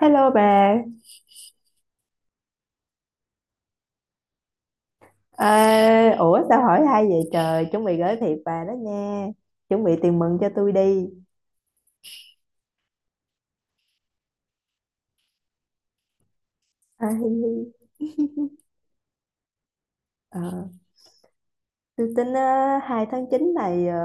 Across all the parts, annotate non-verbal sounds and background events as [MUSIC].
Hello bà. À, ủa sao hỏi hay vậy trời? Chuẩn bị gửi thiệp bà đó nha, chuẩn bị tiền mừng cho tôi đi. À, hi hi. Ờ, tôi tính 2 tháng 9 này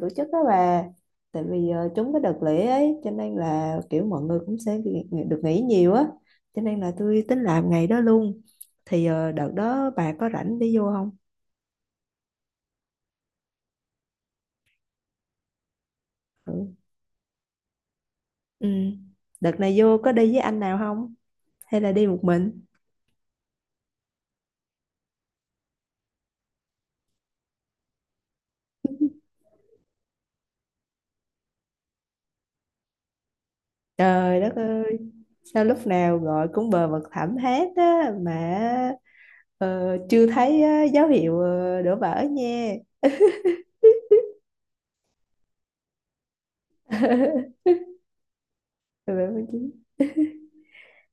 tổ chức đó bà, tại vì trúng cái đợt lễ ấy, cho nên là kiểu mọi người cũng sẽ được nghỉ nhiều á, cho nên là tôi tính làm ngày đó luôn. Thì đợt đó bà có rảnh đi vô không? Ừ. Ừ. Đợt này vô có đi với anh nào không? Hay là đi một mình? Trời đất ơi, sao lúc nào gọi cũng bờ vực thẳm hết á, mà chưa thấy dấu hiệu đổ vỡ nha.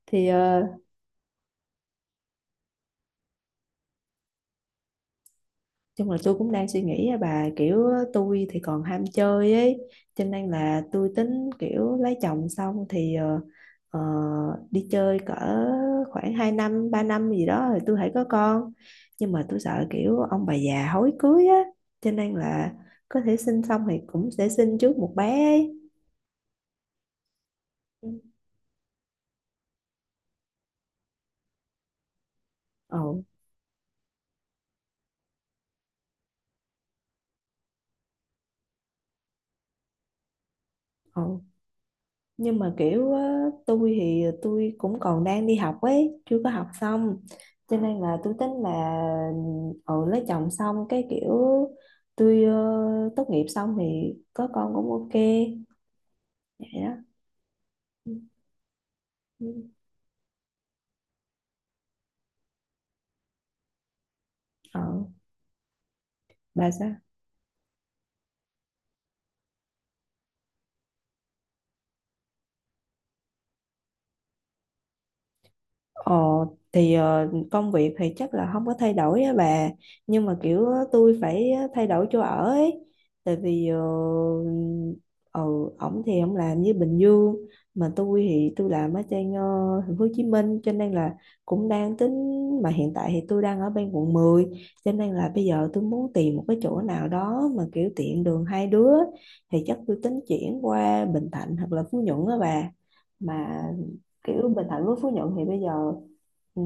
Thì chung là tôi cũng đang suy nghĩ á bà, kiểu tôi thì còn ham chơi ấy, cho nên là tôi tính kiểu lấy chồng xong thì ờ, đi chơi cỡ khoảng 2 năm 3 năm gì đó rồi tôi hãy có con. Nhưng mà tôi sợ kiểu ông bà già hối cưới á, cho nên là có thể sinh xong thì cũng sẽ sinh trước một bé ấy. Ừ. Ồ. Ồ. Nhưng mà kiểu á, tôi thì tôi cũng còn đang đi học ấy chưa có học xong, cho nên là tôi tính là lấy chồng xong cái kiểu tôi tốt nghiệp xong thì có con cũng ok. Vậy đó. Ừ. Ừ. ờ bà sao? Ờ, thì công việc thì chắc là không có thay đổi á bà, nhưng mà kiểu tôi phải thay đổi chỗ ở ấy, tại vì ừ ổng thì ổng làm như Bình Dương, mà tôi thì tôi làm ở trên thành phố Hồ Chí Minh, cho nên là cũng đang tính. Mà hiện tại thì tôi đang ở bên quận 10, cho nên là bây giờ tôi muốn tìm một cái chỗ nào đó mà kiểu tiện đường hai đứa, thì chắc tôi tính chuyển qua Bình Thạnh hoặc là Phú Nhuận á bà. Mà kiểu Bình Thạnh với Phú Nhuận thì bây giờ, ừ,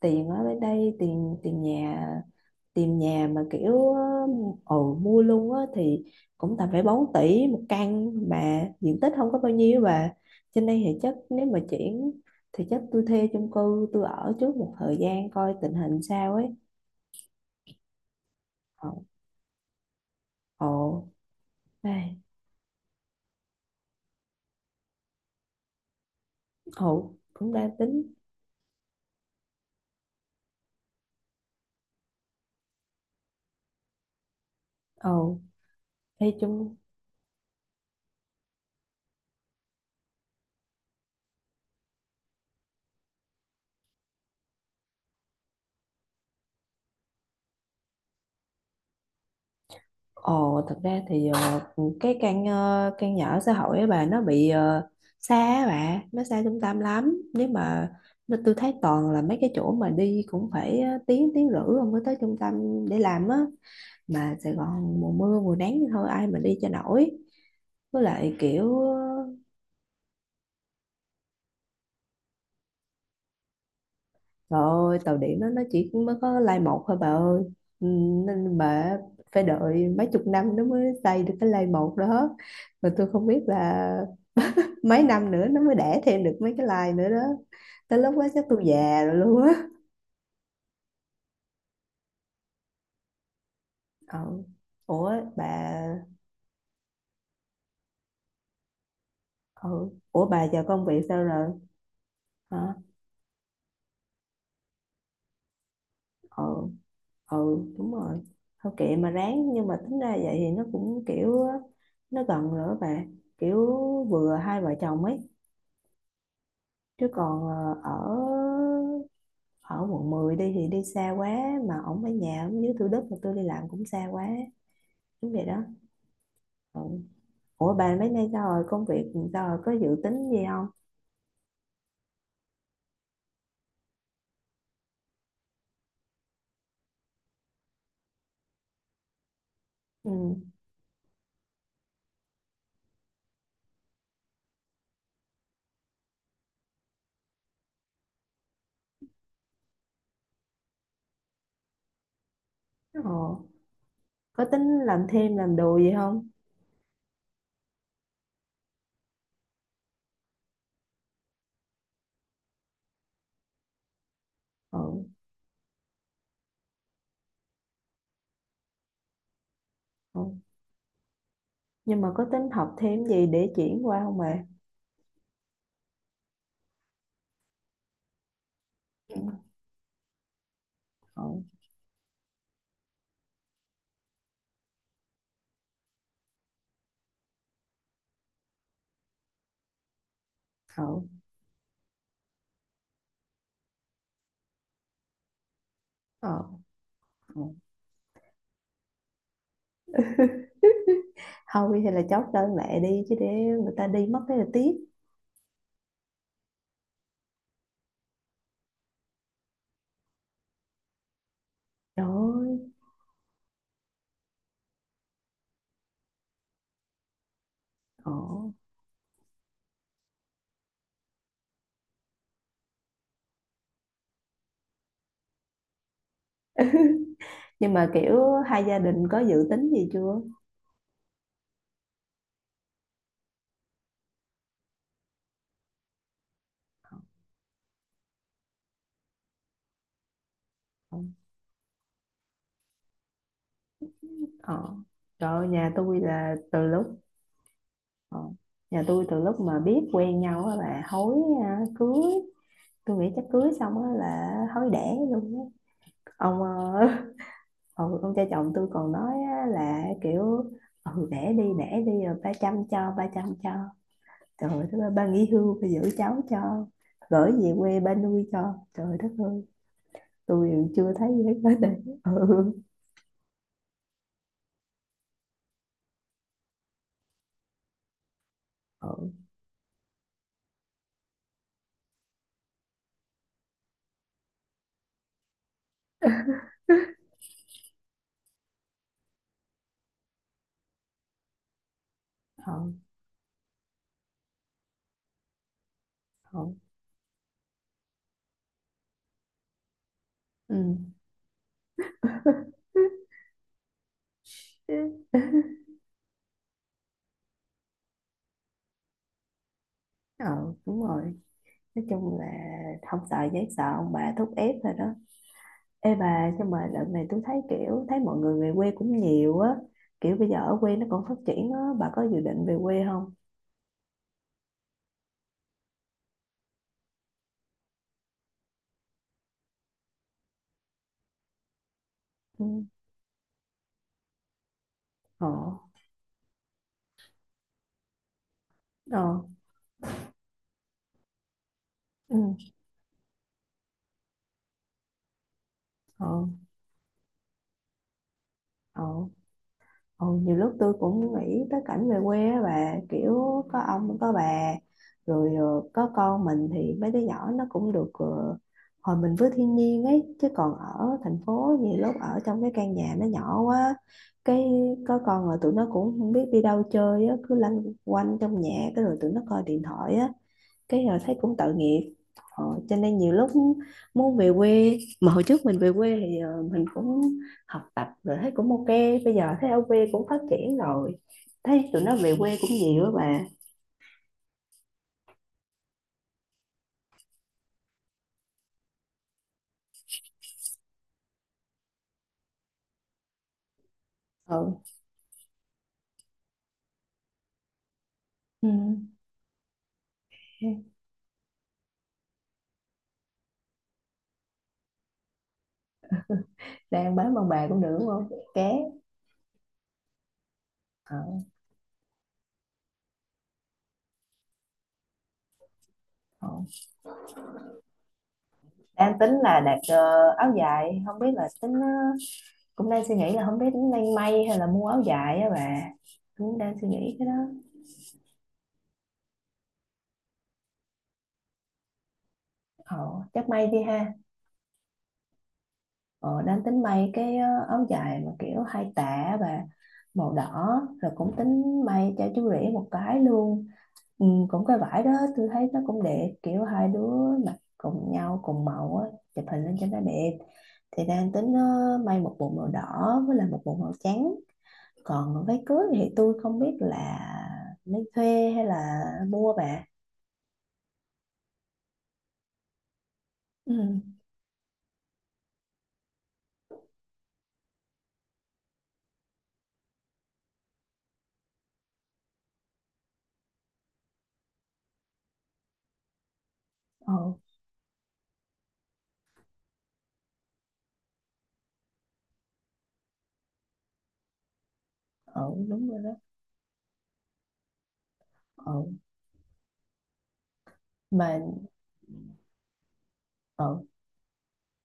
tiền ở bên đây, tiền tiền nhà mà kiểu mua luôn á thì cũng tầm phải 4 tỷ một căn mà diện tích không có bao nhiêu. Và trên đây thì chắc nếu mà chuyển thì chắc tôi thuê chung cư tôi ở trước một thời gian coi tình hình sao ấy. Ồ. Ồ. Đây. Ồ, cũng đang tính. Ồ, thuê chung. Ồ, thật ra thì căn nhà ở xã hội ấy bà nó bị xa á bà, nó xa trung tâm lắm. Nếu mà nó Tôi thấy toàn là mấy cái chỗ mà đi cũng phải tiếng tiếng rưỡi rồi mới tới trung tâm để làm á. Mà Sài Gòn mùa mưa mùa nắng thì thôi ai mà đi cho nổi. Với lại kiểu trời ơi tàu điện nó chỉ mới có lai một thôi bà ơi. Ừ, nên bà phải đợi mấy chục năm nó mới xây được cái lai một đó. Mà tôi không biết là mấy năm nữa nó mới đẻ thêm được mấy cái like nữa đó, tới lúc đó chắc tôi già rồi luôn á. Ừ. Ủa bà. Ừ. Ủa bà, giờ công việc sao rồi hả? Ừ. Ừ. Đúng rồi. Thôi kệ mà ráng, nhưng mà tính ra vậy thì nó cũng kiểu á, nó gần rồi á bà, kiểu vừa hai vợ chồng ấy. Chứ còn ờ, ở ở quận 10 đi thì đi xa quá, mà ổng ở nhà ổng dưới Thủ Đức mà tôi đi làm cũng xa quá. Đúng vậy đó. Ừ. Ủa bà mấy nay sao rồi? Công việc sao rồi, có dự tính gì không? Ừ. Ờ. Có tính làm thêm làm đồ gì không? Ừ. Ừ. Nhưng mà có tính học thêm gì để chuyển qua không bà? Ừ. Ừ. Ừ. Ừ. Ừ. Thôi hay là chốt đơn lẻ đi, chứ để người ta đi mất thế là tiếc. Trời ơi. Ờ. Nhưng mà kiểu hai gia đình có dự tính gì chưa? Ừ. Ờ. Trời ơi, ờ, nhà tôi từ lúc mà biết quen nhau á là hối, à, cưới. Tôi nghĩ chắc cưới xong á là hối đẻ luôn á. ông ờ, [LAUGHS] ông cha chồng tôi còn nói á, là kiểu ừ đẻ đi rồi ba chăm cho ba chăm cho. Trời đất ơi, ba nghỉ hưu ba giữ cháu cho, gửi về quê ba nuôi cho, trời đất ơi. Tôi còn chưa thấy gì hết hết đây. Ừ. Ừ. Ừ. Ừ. Ừ. [LAUGHS] Ờ, đúng rồi. Nói chung là không sợ giấy sợ ông bà thúc ép thôi đó. Ê bà, nhưng mà đợt này tôi thấy kiểu thấy mọi người về quê cũng nhiều á, kiểu bây giờ ở quê nó còn phát triển á, bà có dự định về quê không? Ừ. Ờ. Ờ. Ừ. Ờ. Ờ. Ừ, nhiều lúc tôi cũng nghĩ tới cảnh về quê á bà, kiểu có ông có bà rồi có con mình thì mấy đứa nhỏ nó cũng được hòa mình với thiên nhiên ấy. Chứ còn ở thành phố nhiều lúc ở trong cái căn nhà nó nhỏ quá, cái có con là tụi nó cũng không biết đi đâu chơi á, cứ lanh quanh trong nhà, cái rồi tụi nó coi điện thoại á, cái họ thấy cũng tội nghiệp. Cho nên nhiều lúc muốn về quê, mà hồi trước mình về quê thì mình cũng học tập rồi thấy cũng ok, bây giờ thấy ở quê cũng phát triển rồi, thấy tụi nó về quê cũng nhiều á bà. Ừ. Ừ. Đang bán bằng bà cũng được đúng không? Ké. Ờ. Ờ. Đang tính là đặt áo dài, không biết là tính cũng đang suy nghĩ là không biết tính đang may hay là mua áo dài á bà, cũng đang suy nghĩ cái đó. Ờ, chắc may đi ha. Ờ, đang tính may cái áo dài mà kiểu hai tả và màu đỏ, rồi cũng tính may cho chú rể một cái luôn. Ừ, cũng cái vải đó. Tôi thấy nó cũng đẹp, kiểu hai đứa mặc cùng nhau cùng màu á, chụp hình lên cho nó đẹp. Thì đang tính may một bộ màu đỏ với lại một bộ màu trắng. Còn váy cưới thì tôi không biết là nên thuê hay là mua bà. Ừ. Ừ. Ừ. Đúng rồi đó. Ừ. Mà. Ừ.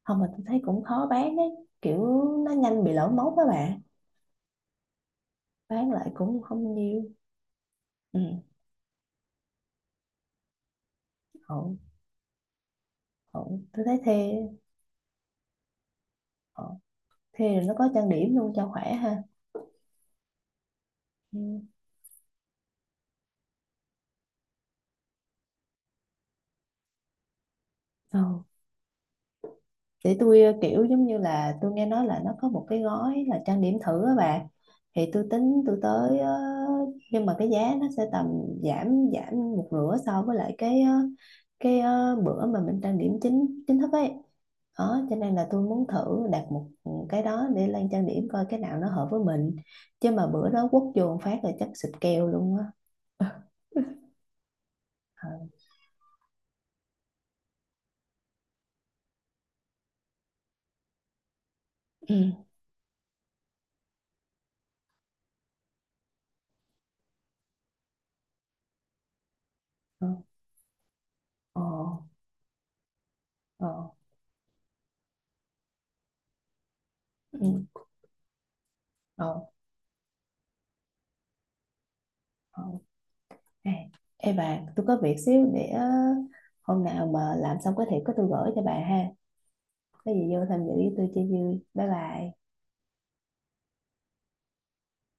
Không, mà tôi thấy cũng khó bán đấy, kiểu nó nhanh bị lỗi mốt các bạn, bán lại cũng không nhiều. Ừ. Ổn. Ổn, tôi thấy thê. Ổn. Thê rồi nó có trang điểm luôn cho khỏe ha. Ừ. Ừ. Thì tôi kiểu giống như là tôi nghe nói là nó có một cái gói là trang điểm thử á bà, thì tôi tính tôi tới nhưng mà cái giá nó sẽ tầm giảm giảm một nửa so với lại bữa mà mình trang điểm chính chính thức ấy đó, cho nên là tôi muốn thử đặt một cái đó để lên trang điểm coi cái nào nó hợp với mình. Chứ mà bữa đó quất vô một phát là chắc xịt keo luôn á. [LAUGHS] Ờ. Ừ. Ờ. Ờ. Ờ. Ừ. Ờ. Ờ. À, ê bà, tôi có việc xíu để hôm nào mà làm xong có thể có tôi gửi cho bà ha. Có gì vô tham dự với tôi chơi vui. Bye bye.